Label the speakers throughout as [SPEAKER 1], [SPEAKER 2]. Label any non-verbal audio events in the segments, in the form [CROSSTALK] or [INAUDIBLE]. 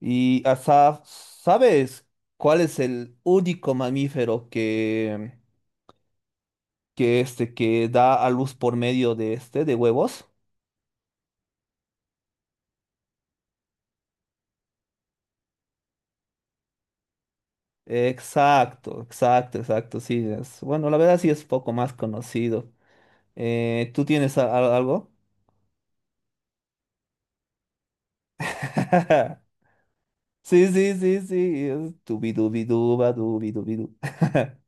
[SPEAKER 1] Y hasta, ¿sabes cuál es el único mamífero que da a luz por medio de huevos? Exacto, exacto, exacto, sí. Bueno, la verdad sí es poco más conocido. ¿Tú tienes algo? [LAUGHS] Sí, sí, sí, sí. Es Dubi dubi duba, dubi dubi du. [LAUGHS]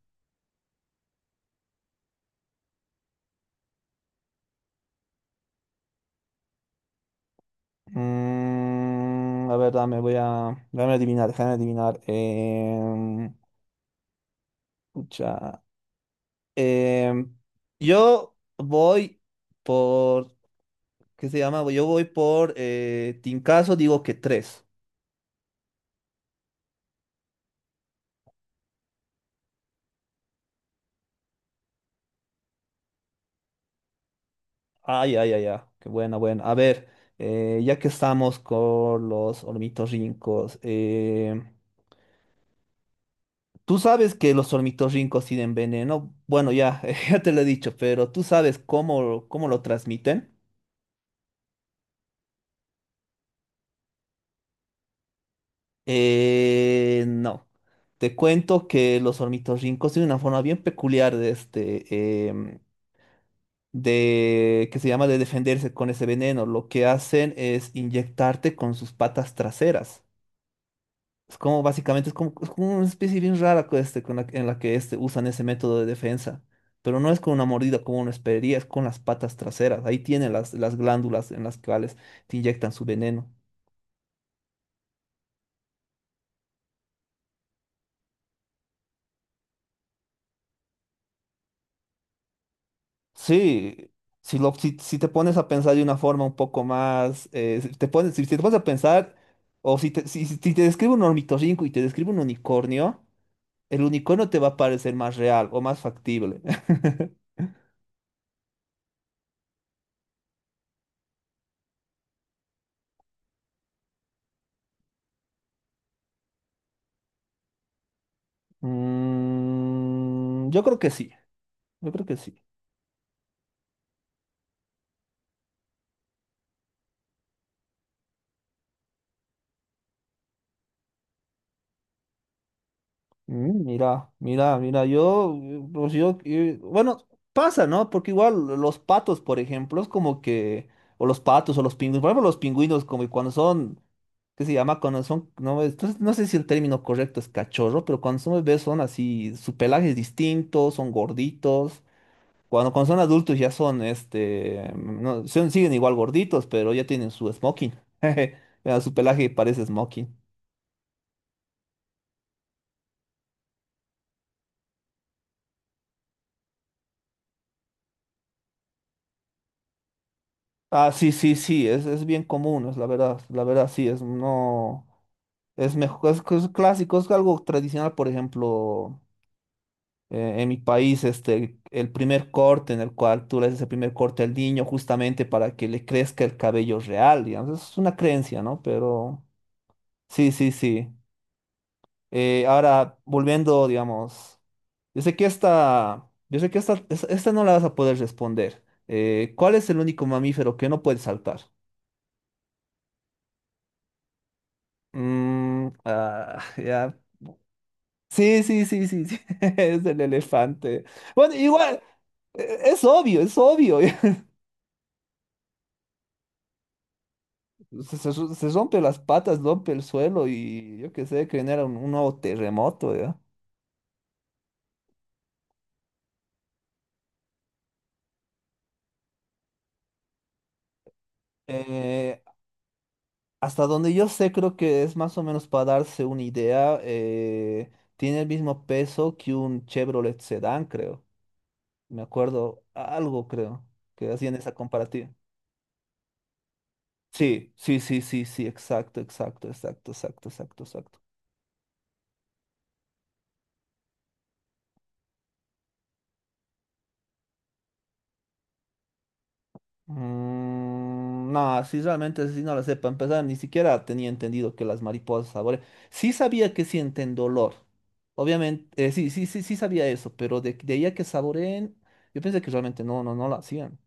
[SPEAKER 1] A ver, dame, voy a. Dame adivinar, déjame adivinar. Em, yo voy por, ¿qué se llama? Yo voy por Tincaso, digo que tres. Ay, ay, ay, ay. Qué buena, buena. A ver, ya que estamos con los ornitorrincos, tú sabes que los ornitorrincos tienen veneno. Bueno, ya, [LAUGHS] ya te lo he dicho, pero tú sabes cómo lo transmiten. No. Te cuento que los ornitorrincos tienen una forma bien peculiar de este. Em, de, que se llama de defenderse con ese veneno. Lo que hacen es inyectarte con sus patas traseras. Es como básicamente, es como una especie bien rara con este, con la- en la que usan ese método de defensa. Pero no es con una mordida como uno esperaría, es con las patas traseras. Ahí tienen las glándulas en las cuales te inyectan su veneno. Sí, si, lo, si, si te pones a pensar de una forma un poco más, si te pones a pensar, o si te describe un ornitorrinco y te describe un unicornio, el unicornio te va a parecer más real o más factible. [LAUGHS] Yo creo que sí, yo creo que sí. Mira, yo, pues yo, bueno, pasa, ¿no? Porque igual los patos, por ejemplo, es como que, o los patos o los pingüinos, por ejemplo, los pingüinos como que cuando son, ¿qué se llama? Cuando son, no, entonces, no sé si el término correcto es cachorro, pero cuando son bebés son así, su pelaje es distinto, son gorditos. Cuando son adultos ya son, no, siguen igual gorditos, pero ya tienen su smoking. [LAUGHS] Jeje, mira, su pelaje parece smoking. Ah, sí, sí, sí, es bien común, es la verdad, sí, es no, es mejor, es clásico, es algo tradicional, por ejemplo, en mi país, el primer corte en el cual tú le haces el primer corte al niño justamente para que le crezca el cabello real, digamos, es una creencia, ¿no? Pero sí, sí, sí. Ahora, volviendo, digamos. Yo sé que esta, yo sé que esta, es- Esta no la vas a poder responder. ¿Cuál es el único mamífero que no puede saltar? Mm, ah, [LAUGHS] ya. Sí, sí, sí, sí, sí. [LAUGHS] Es el elefante. Bueno, igual, es obvio, es obvio. [LAUGHS] Se, se se rompe las patas, rompe el suelo y yo qué sé, que genera un nuevo terremoto, ¿ya? Eh, Hasta donde yo sé, creo que es más o menos para darse una idea, tiene el mismo peso que un Chevrolet Sedán, creo. Me acuerdo algo, creo, que hacían esa comparativa. Sí, sí, sí, sí, sí, exacto, exacto, exacto, exacto, exacto, exacto. Mm, no, sí, realmente sí no lo sé para empezar, ni siquiera tenía entendido que las mariposas saborean. Sí sabía que sienten dolor. Obviamente, sí, sí, sí, sí sabía eso, pero de ahí a que saboreen, yo pensé que realmente no, no, no lo hacían.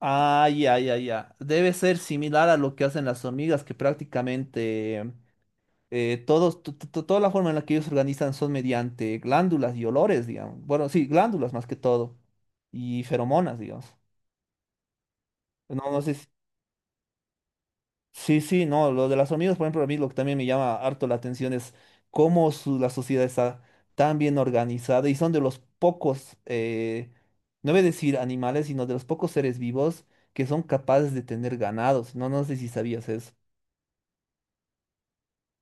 [SPEAKER 1] Ah, ya, ya, ya. Debe ser similar a lo que hacen las hormigas, que prácticamente toda la forma en la que ellos se organizan son mediante glándulas y olores, digamos. Bueno, sí, glándulas más que todo. Y feromonas, digamos. No, no sé. Sí, sí, no. Lo de las hormigas, por ejemplo, a mí lo que también me llama harto la atención es la sociedad está tan bien organizada y son de los pocos, no voy a decir animales, sino de los pocos seres vivos que son capaces de tener ganados. No, no sé si sabías eso.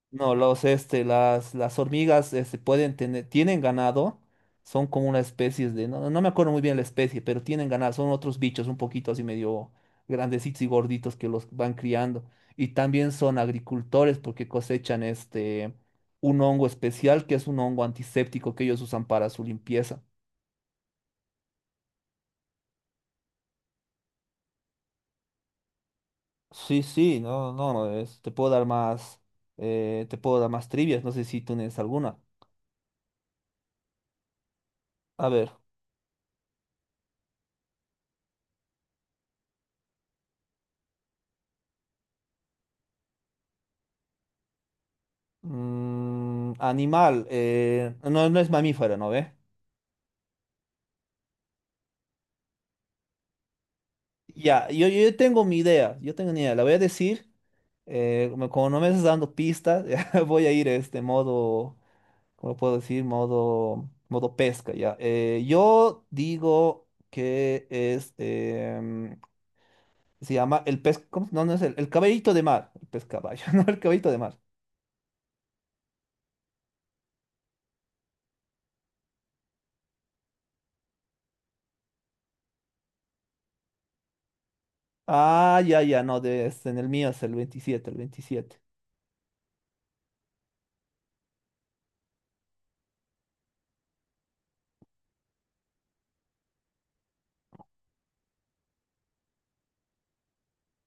[SPEAKER 1] No, las hormigas, tienen ganado, son como una especie de, no, no me acuerdo muy bien la especie, pero tienen ganado, son otros bichos un poquito así medio grandecitos y gorditos que los van criando. Y también son agricultores porque cosechan un hongo especial que es un hongo antiséptico que ellos usan para su limpieza. Sí, sí, no, no, no, te puedo dar más trivias, no sé si tú tienes alguna. A ver. Mm, animal. No, no es mamífero, ¿no ve? Ya, yo tengo mi idea. Yo tengo mi idea. La voy a decir. Como no me estás dando pistas, [LAUGHS] ya voy a ir este modo. ¿Cómo puedo decir? Modo pesca, ya. Yo digo que es. Se llama el pez. ¿Cómo? No, no es el caballito de mar. El pez caballo, [LAUGHS] no el caballito de mar. Ah, ya, ya, no, en el mío es el 27, el 27.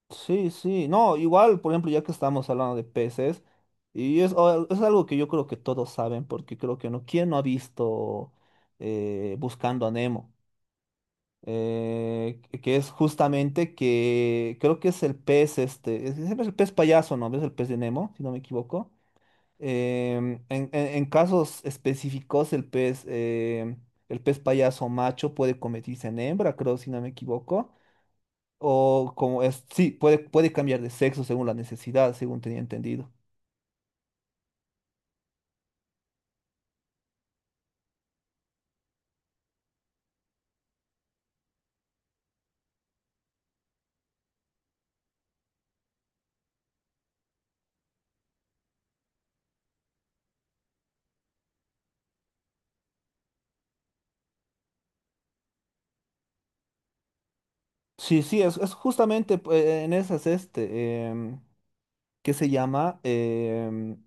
[SPEAKER 1] Sí, sí, no, igual, por ejemplo, ya que estamos hablando de peces, es algo que yo creo que todos saben, porque creo que no, ¿quién no ha visto Buscando a Nemo? Que es justamente que creo que es el pez, es el pez payaso, ¿no? ¿Ves el pez de Nemo, si no me equivoco? En casos específicos, el pez payaso macho puede convertirse en hembra, creo, si no me equivoco. O como es, sí, puede cambiar de sexo según la necesidad, según tenía entendido. Sí, sí, es justamente pues, en esas, ¿qué se llama?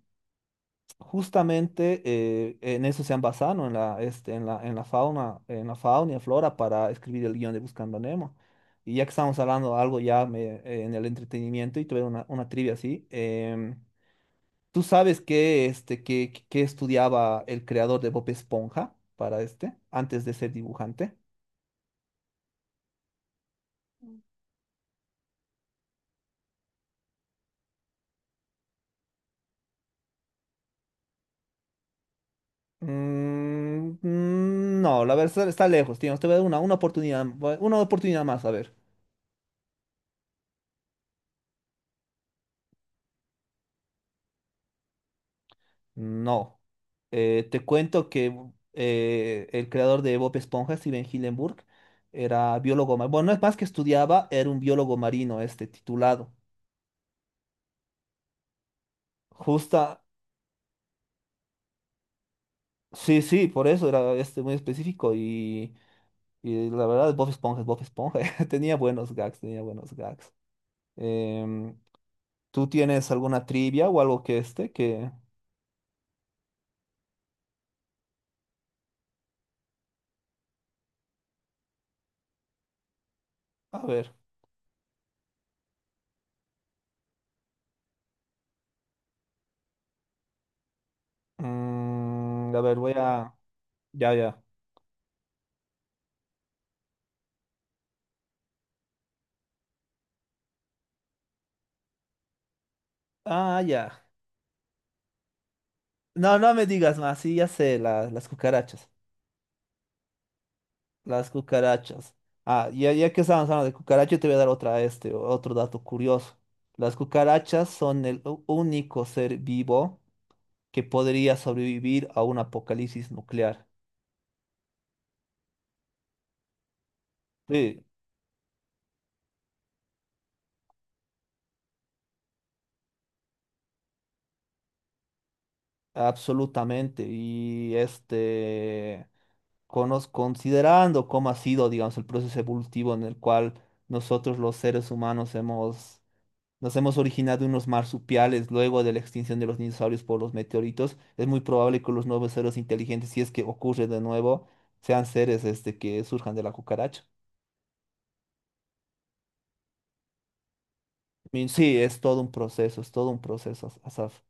[SPEAKER 1] Justamente en eso se han basado, ¿no? En la, este, en la fauna y flora para escribir el guión de Buscando a Nemo. Y ya que estamos hablando de algo en el entretenimiento y tuve una trivia así, ¿tú sabes qué, qué estudiaba el creador de Bob Esponja para antes de ser dibujante? Mm, mm, no, la verdad está lejos, tío. Te voy a dar una oportunidad, una oportunidad más, a ver. No. Te cuento que el creador de Bob Esponja, Steven Hillenburg, era biólogo marino. Bueno, no es más que estudiaba, era un biólogo marino, titulado. Justa, sí, sí, por eso era muy específico y Y la verdad, Bob Esponja es Bob Esponja. [LAUGHS] Tenía buenos gags, tenía buenos gags. Em, ¿Tú tienes alguna trivia o algo que que... A ver. A ver, voy a... Ya, ya. Ah, ya. No, no me digas más. Sí, ya sé, las cucarachas. Las cucarachas. Ah, ya, ya que estábamos hablando de cucarachas, te voy a dar otro dato curioso. Las cucarachas son el único ser vivo que podría sobrevivir a un apocalipsis nuclear. Sí, absolutamente. Y considerando cómo ha sido, digamos, el proceso evolutivo en el cual nosotros los seres humanos nos hemos originado unos marsupiales luego de la extinción de los dinosaurios por los meteoritos, es muy probable que los nuevos seres inteligentes, si es que ocurre de nuevo, sean seres que surjan de la cucaracha. Y sí, es todo un proceso, es todo un proceso, Asaf.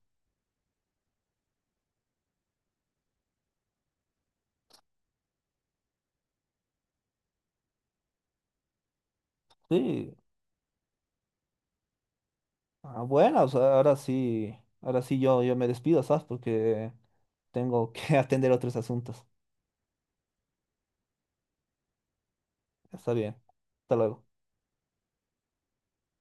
[SPEAKER 1] Sí, ah, bueno, o sea, ahora sí yo me despido, Asaf, porque... Tengo que [LAUGHS] atender otros asuntos. Está bien. Hasta luego.